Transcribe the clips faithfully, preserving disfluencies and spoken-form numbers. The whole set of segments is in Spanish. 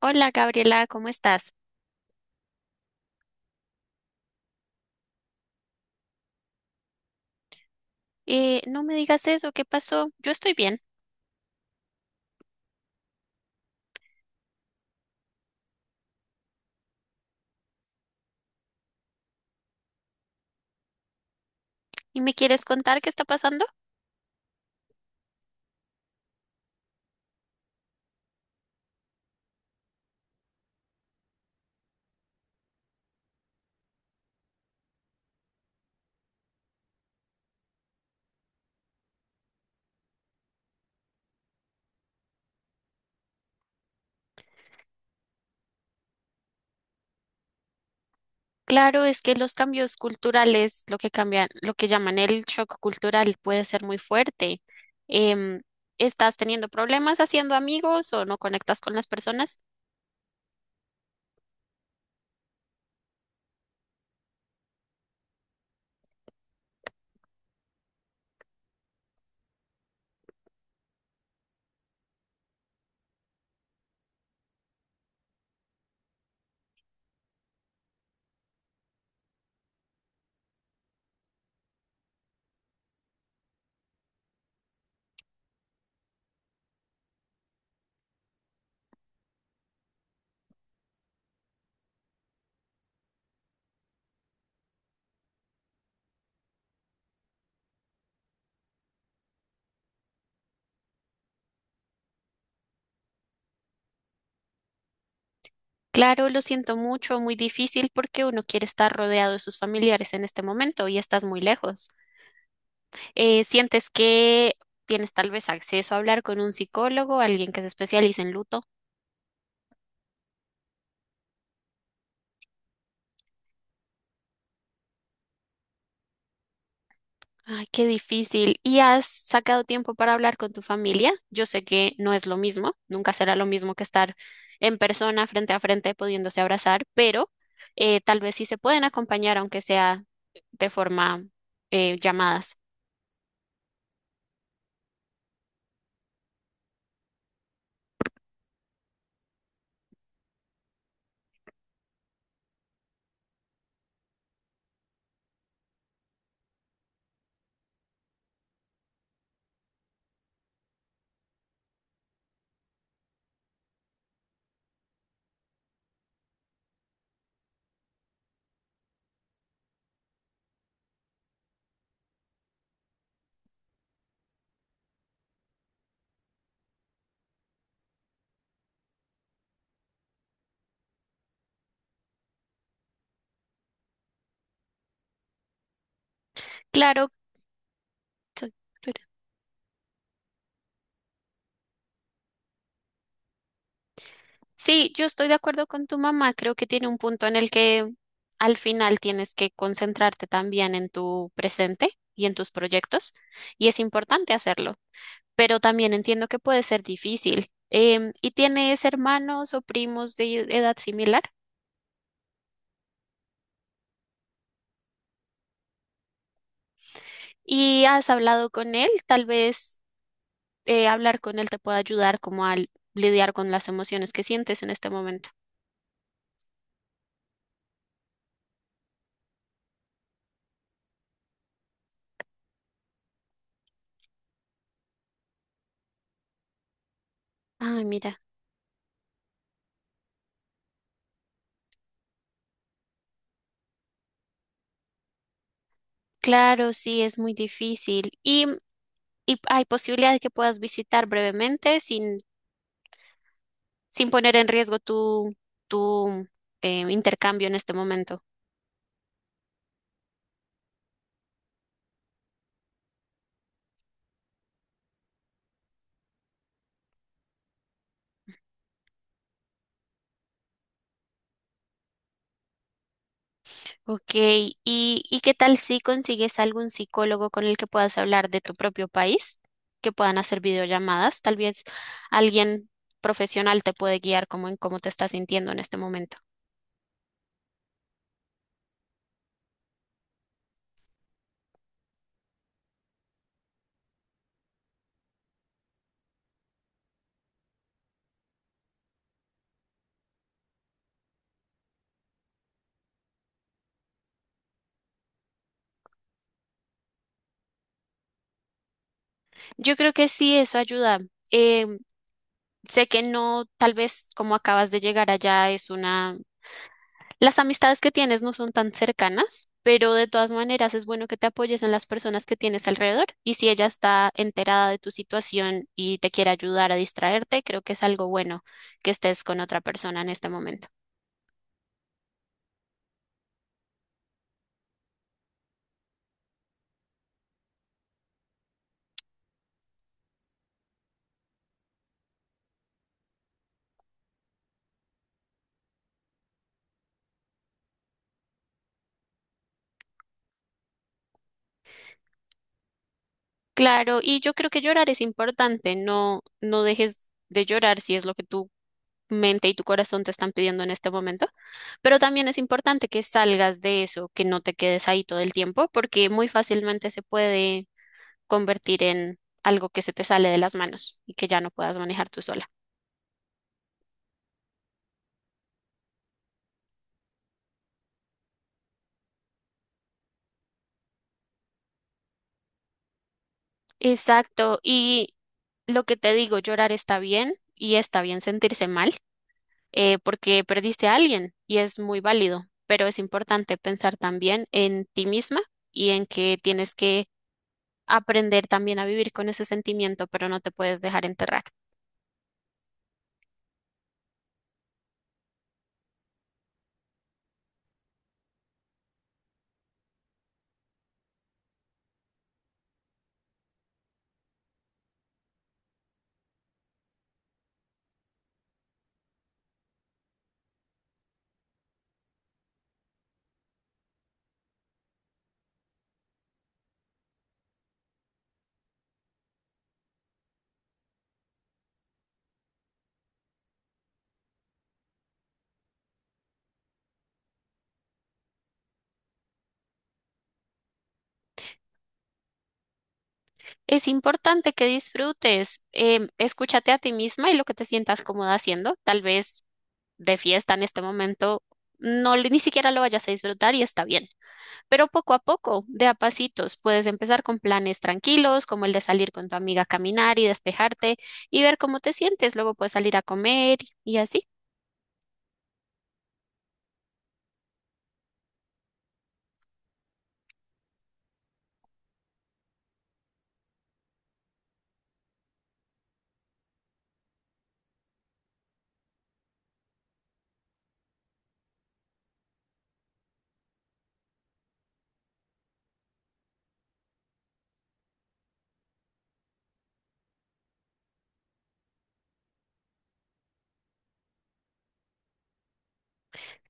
Hola Gabriela, ¿cómo estás? Eh, no me digas eso, ¿qué pasó? Yo estoy bien. ¿Y me quieres contar qué está pasando? Claro, es que los cambios culturales, lo que cambian, lo que llaman el shock cultural, puede ser muy fuerte. Em, ¿Estás teniendo problemas haciendo amigos o no conectas con las personas? Claro, lo siento mucho, muy difícil porque uno quiere estar rodeado de sus familiares en este momento y estás muy lejos. Eh, ¿sientes que tienes tal vez acceso a hablar con un psicólogo, alguien que se especialice en luto? Ay, qué difícil. ¿Y has sacado tiempo para hablar con tu familia? Yo sé que no es lo mismo, nunca será lo mismo que estar en persona, frente a frente, pudiéndose abrazar, pero eh, tal vez sí se pueden acompañar, aunque sea de forma eh, llamadas. Claro. Sí, yo estoy de acuerdo con tu mamá. Creo que tiene un punto en el que al final tienes que concentrarte también en tu presente y en tus proyectos, y es importante hacerlo, pero también entiendo que puede ser difícil. Em, ¿y tienes hermanos o primos de edad similar? ¿Y has hablado con él? Tal vez eh, hablar con él te pueda ayudar como a lidiar con las emociones que sientes en este momento. Ay, mira, claro, sí, es muy difícil. Y y hay posibilidad de que puedas visitar brevemente sin, sin poner en riesgo tu, tu eh, intercambio en este momento. Ok, ¿Y, y qué tal si consigues algún psicólogo con el que puedas hablar de tu propio país, que puedan hacer videollamadas? Tal vez alguien profesional te puede guiar como en cómo te estás sintiendo en este momento. Yo creo que sí, eso ayuda. Em, sé que no, tal vez como acabas de llegar allá es una. Las amistades que tienes no son tan cercanas, pero de todas maneras es bueno que te apoyes en las personas que tienes alrededor y si ella está enterada de tu situación y te quiere ayudar a distraerte, creo que es algo bueno que estés con otra persona en este momento. Claro, y yo creo que llorar es importante, no, no dejes de llorar si es lo que tu mente y tu corazón te están pidiendo en este momento. Pero también es importante que salgas de eso, que no te quedes ahí todo el tiempo, porque muy fácilmente se puede convertir en algo que se te sale de las manos y que ya no puedas manejar tú sola. Exacto. Y lo que te digo, llorar está bien y está bien sentirse mal, eh, porque perdiste a alguien y es muy válido, pero es importante pensar también en ti misma y en que tienes que aprender también a vivir con ese sentimiento, pero no te puedes dejar enterrar. Es importante que disfrutes, em, escúchate a ti misma y lo que te sientas cómoda haciendo. Tal vez de fiesta en este momento no le- ni siquiera lo vayas a disfrutar y está bien. Pero poco a poco, de a pasitos, puedes empezar con planes tranquilos, como el de salir con tu amiga a caminar y despejarte y ver cómo te sientes. Luego puedes salir a comer y así.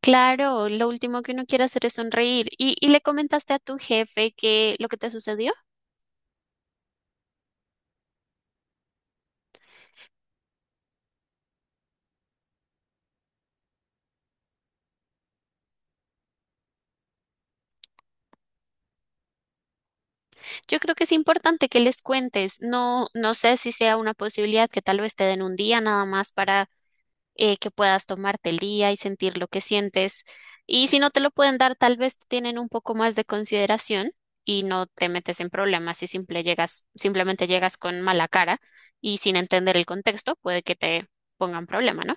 Claro, lo último que uno quiere hacer es sonreír. ¿Y, y le comentaste a tu jefe que lo que te sucedió? Yo creo que es importante que les cuentes. No, no sé si sea una posibilidad que tal vez te den un día nada más para eh, que puedas tomarte el día y sentir lo que sientes. Y si no te lo pueden dar, tal vez te tienen un poco más de consideración y no te metes en problemas si simple llegas, simplemente llegas con mala cara y sin entender el contexto, puede que te pongan problema, ¿no?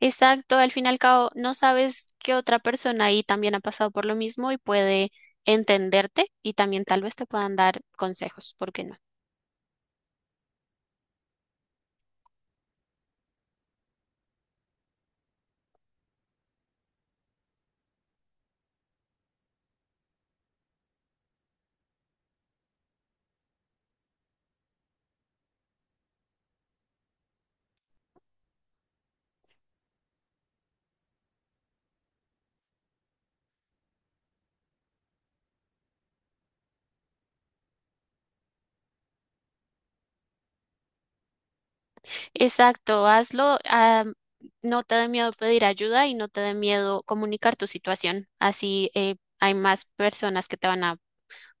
Exacto, al fin y al cabo no sabes que otra persona ahí también ha pasado por lo mismo y puede entenderte y también tal vez te puedan dar consejos, ¿por qué no? Exacto, hazlo, ah, no te dé miedo pedir ayuda y no te dé miedo comunicar tu situación, así eh, hay más personas que te van a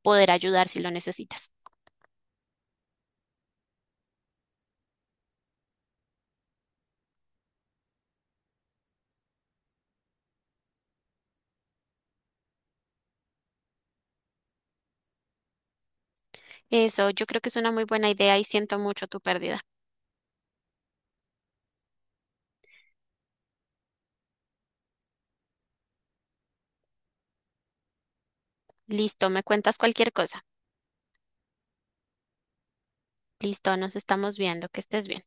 poder ayudar si lo necesitas. Eso, yo creo que es una muy buena idea y siento mucho tu pérdida. Listo, me cuentas cualquier cosa. Listo, nos estamos viendo, que estés bien.